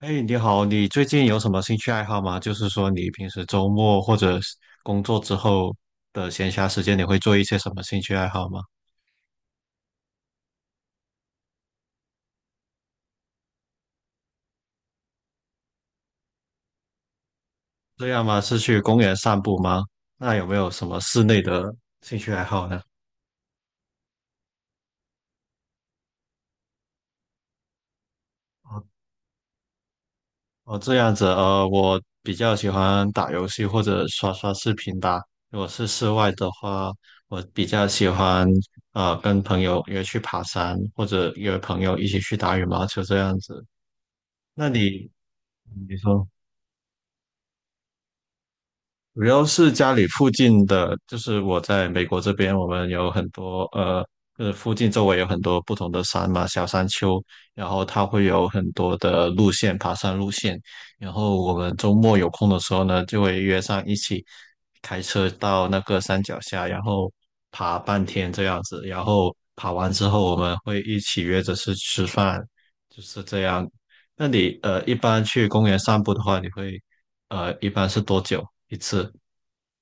哎，你好，你最近有什么兴趣爱好吗？就是说，你平时周末或者是工作之后的闲暇时间，你会做一些什么兴趣爱好吗？这样吗？是去公园散步吗？那有没有什么室内的兴趣爱好呢？哦哦，这样子，我比较喜欢打游戏或者刷刷视频吧。如果是室外的话，我比较喜欢跟朋友约去爬山，或者约朋友一起去打羽毛球这样子。那你，你说？主要是家里附近的，就是我在美国这边，我们有很多附近周围有很多不同的山嘛，小山丘，然后它会有很多的路线，爬山路线。然后我们周末有空的时候呢，就会约上一起开车到那个山脚下，然后爬半天这样子。然后爬完之后，我们会一起约着去吃饭，就是这样。那你一般去公园散步的话，你会一般是多久？一次，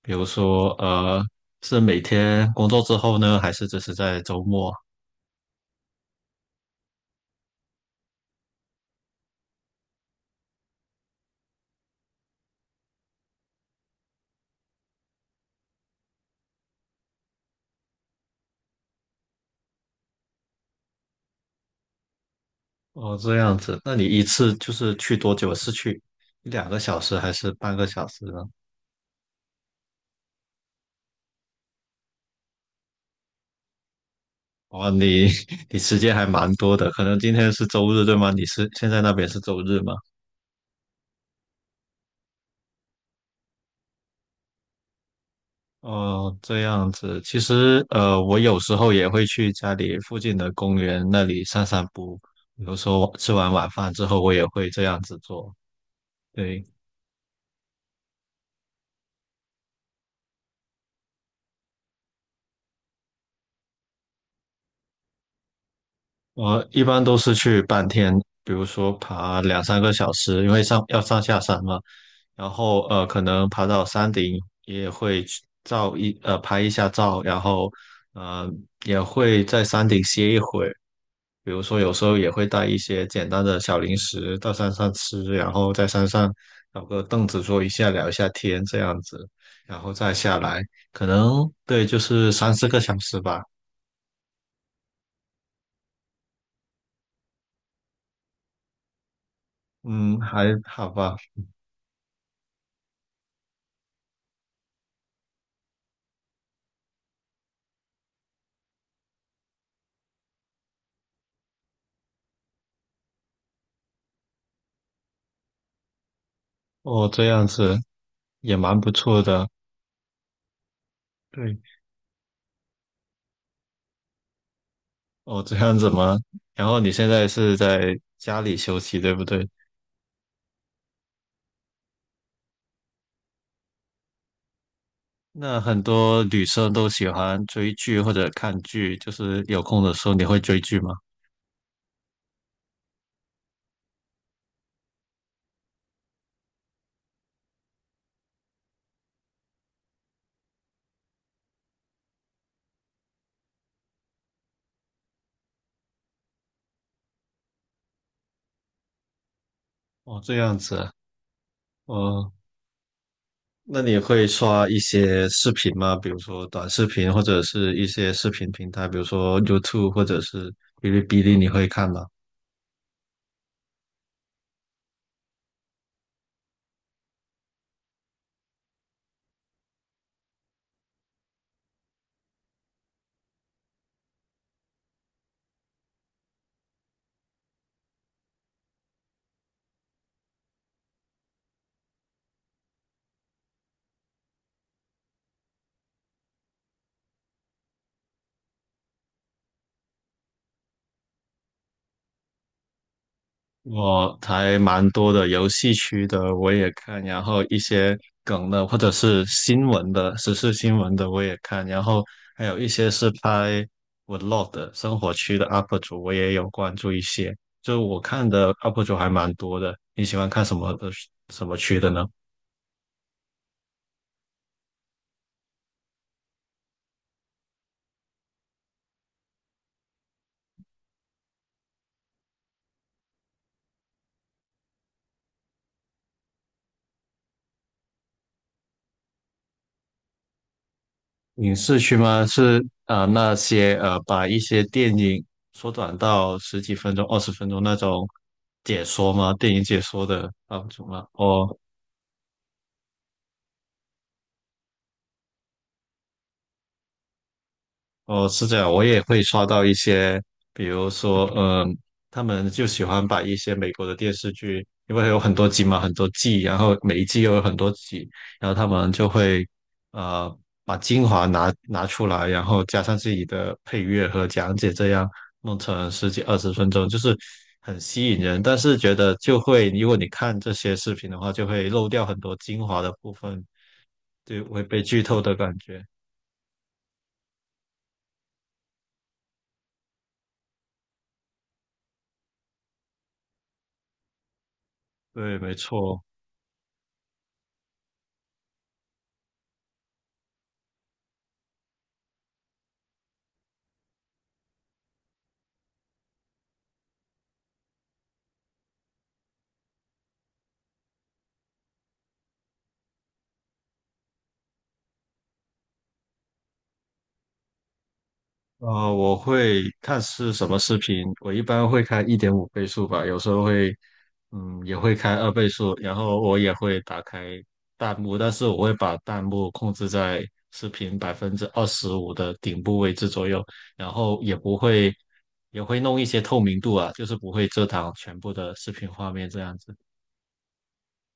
比如说,是每天工作之后呢，还是只是在周末？哦，这样子，那你一次就是去多久？是去一两个小时还是半个小时呢？哦，你 你时间还蛮多的，可能今天是周日对吗？你是现在那边是周日吗？哦，这样子，其实,我有时候也会去家里附近的公园那里散散步，比如说吃完晚饭之后，我也会这样子做。对。我一般都是去半天，比如说爬两三个小时，因为要上下山嘛。然后可能爬到山顶也会去拍一下照，然后呃也会在山顶歇一会儿。比如说有时候也会带一些简单的小零食到山上吃，然后在山上找个凳子坐一下，聊一下天这样子，然后再下来，可能对就是三四个小时吧。嗯，还好吧。哦，这样子也蛮不错的。对，哦，这样子吗？然后你现在是在家里休息，对不对？那很多女生都喜欢追剧或者看剧，就是有空的时候你会追剧吗？哦，这样子啊。哦，那你会刷一些视频吗？比如说短视频或者是一些视频平台，比如说 YouTube 或者是哔哩哔哩，你会看吗？我还蛮多的，游戏区的我也看，然后一些梗的或者是新闻的、时事新闻的我也看，然后还有一些是拍 vlog 的生活区的 UP 主，我也有关注一些。就我看的 UP 主还蛮多的。你喜欢看什么区的呢？影视区吗？是啊,那些把一些电影缩短到十几分钟、二十分钟那种解说吗？电影解说的 UP 主吗？哦。哦，是这样，我也会刷到一些，比如说，他们就喜欢把一些美国的电视剧，因为有很多集嘛，很多季，然后每一季又有很多集，然后他们就会，呃，把精华拿出来，然后加上自己的配乐和讲解，这样弄成十几二十分钟，就是很吸引人。但是觉得就会，如果你看这些视频的话，就会漏掉很多精华的部分，就会被剧透的感觉。对，没错。我会看是什么视频，我一般会开一点五倍速吧，有时候会，也会开二倍速，然后我也会打开弹幕，但是我会把弹幕控制在视频百分之二十五的顶部位置左右，然后也不会，也会弄一些透明度啊，就是不会遮挡全部的视频画面这样子。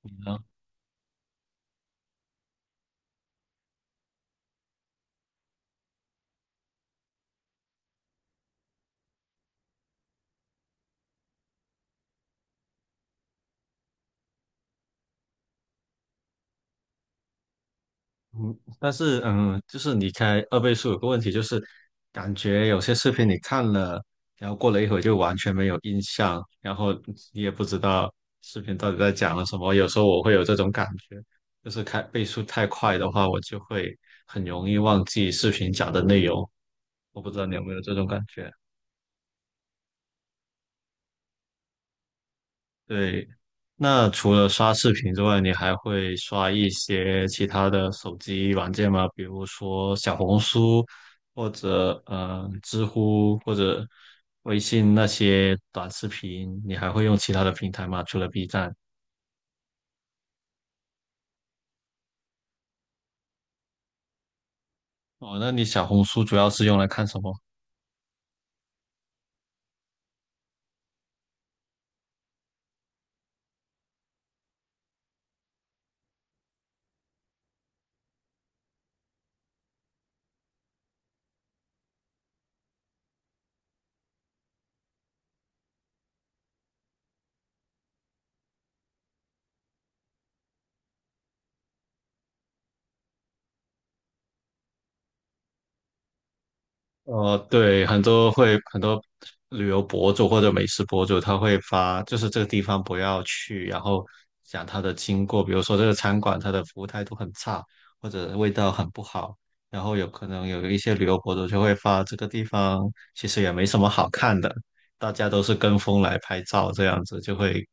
你呢？嗯，但是就是你开二倍速有个问题，就是感觉有些视频你看了，然后过了一会儿就完全没有印象，然后你也不知道视频到底在讲了什么。有时候我会有这种感觉，就是开倍速太快的话，我就会很容易忘记视频讲的内容。我不知道你有没有这种感觉？对。那除了刷视频之外，你还会刷一些其他的手机软件吗？比如说小红书，或者知乎，或者微信那些短视频，你还会用其他的平台吗？除了 B 站？哦，那你小红书主要是用来看什么？对，很多旅游博主或者美食博主，他会发就是这个地方不要去，然后讲他的经过，比如说这个餐馆它的服务态度很差，或者味道很不好，然后有可能有一些旅游博主就会发这个地方其实也没什么好看的，大家都是跟风来拍照，这样子就会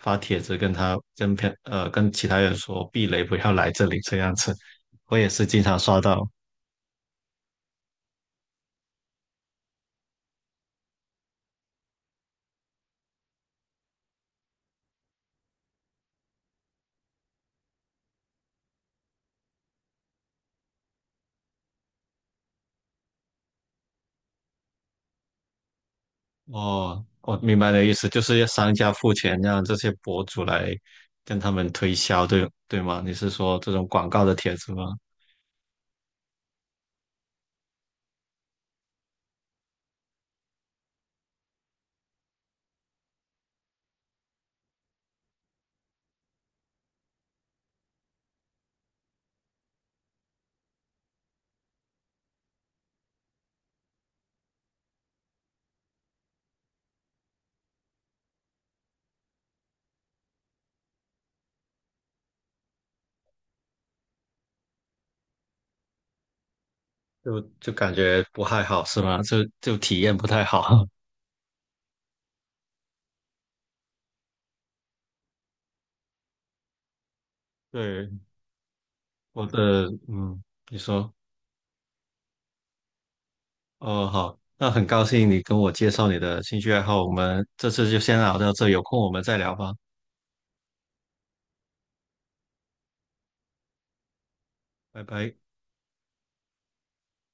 发帖子跟他跟别呃跟其他人说避雷不要来这里这样子，我也是经常刷到。哦，我明白你的意思，就是要商家付钱让这些博主来跟他们推销，对，对吗？你是说这种广告的帖子吗？就感觉不太好，是吗？就体验不太好。对，我的，嗯，你说，哦，好，那很高兴你跟我介绍你的兴趣爱好，我们这次就先聊到这，有空我们再聊吧，拜拜。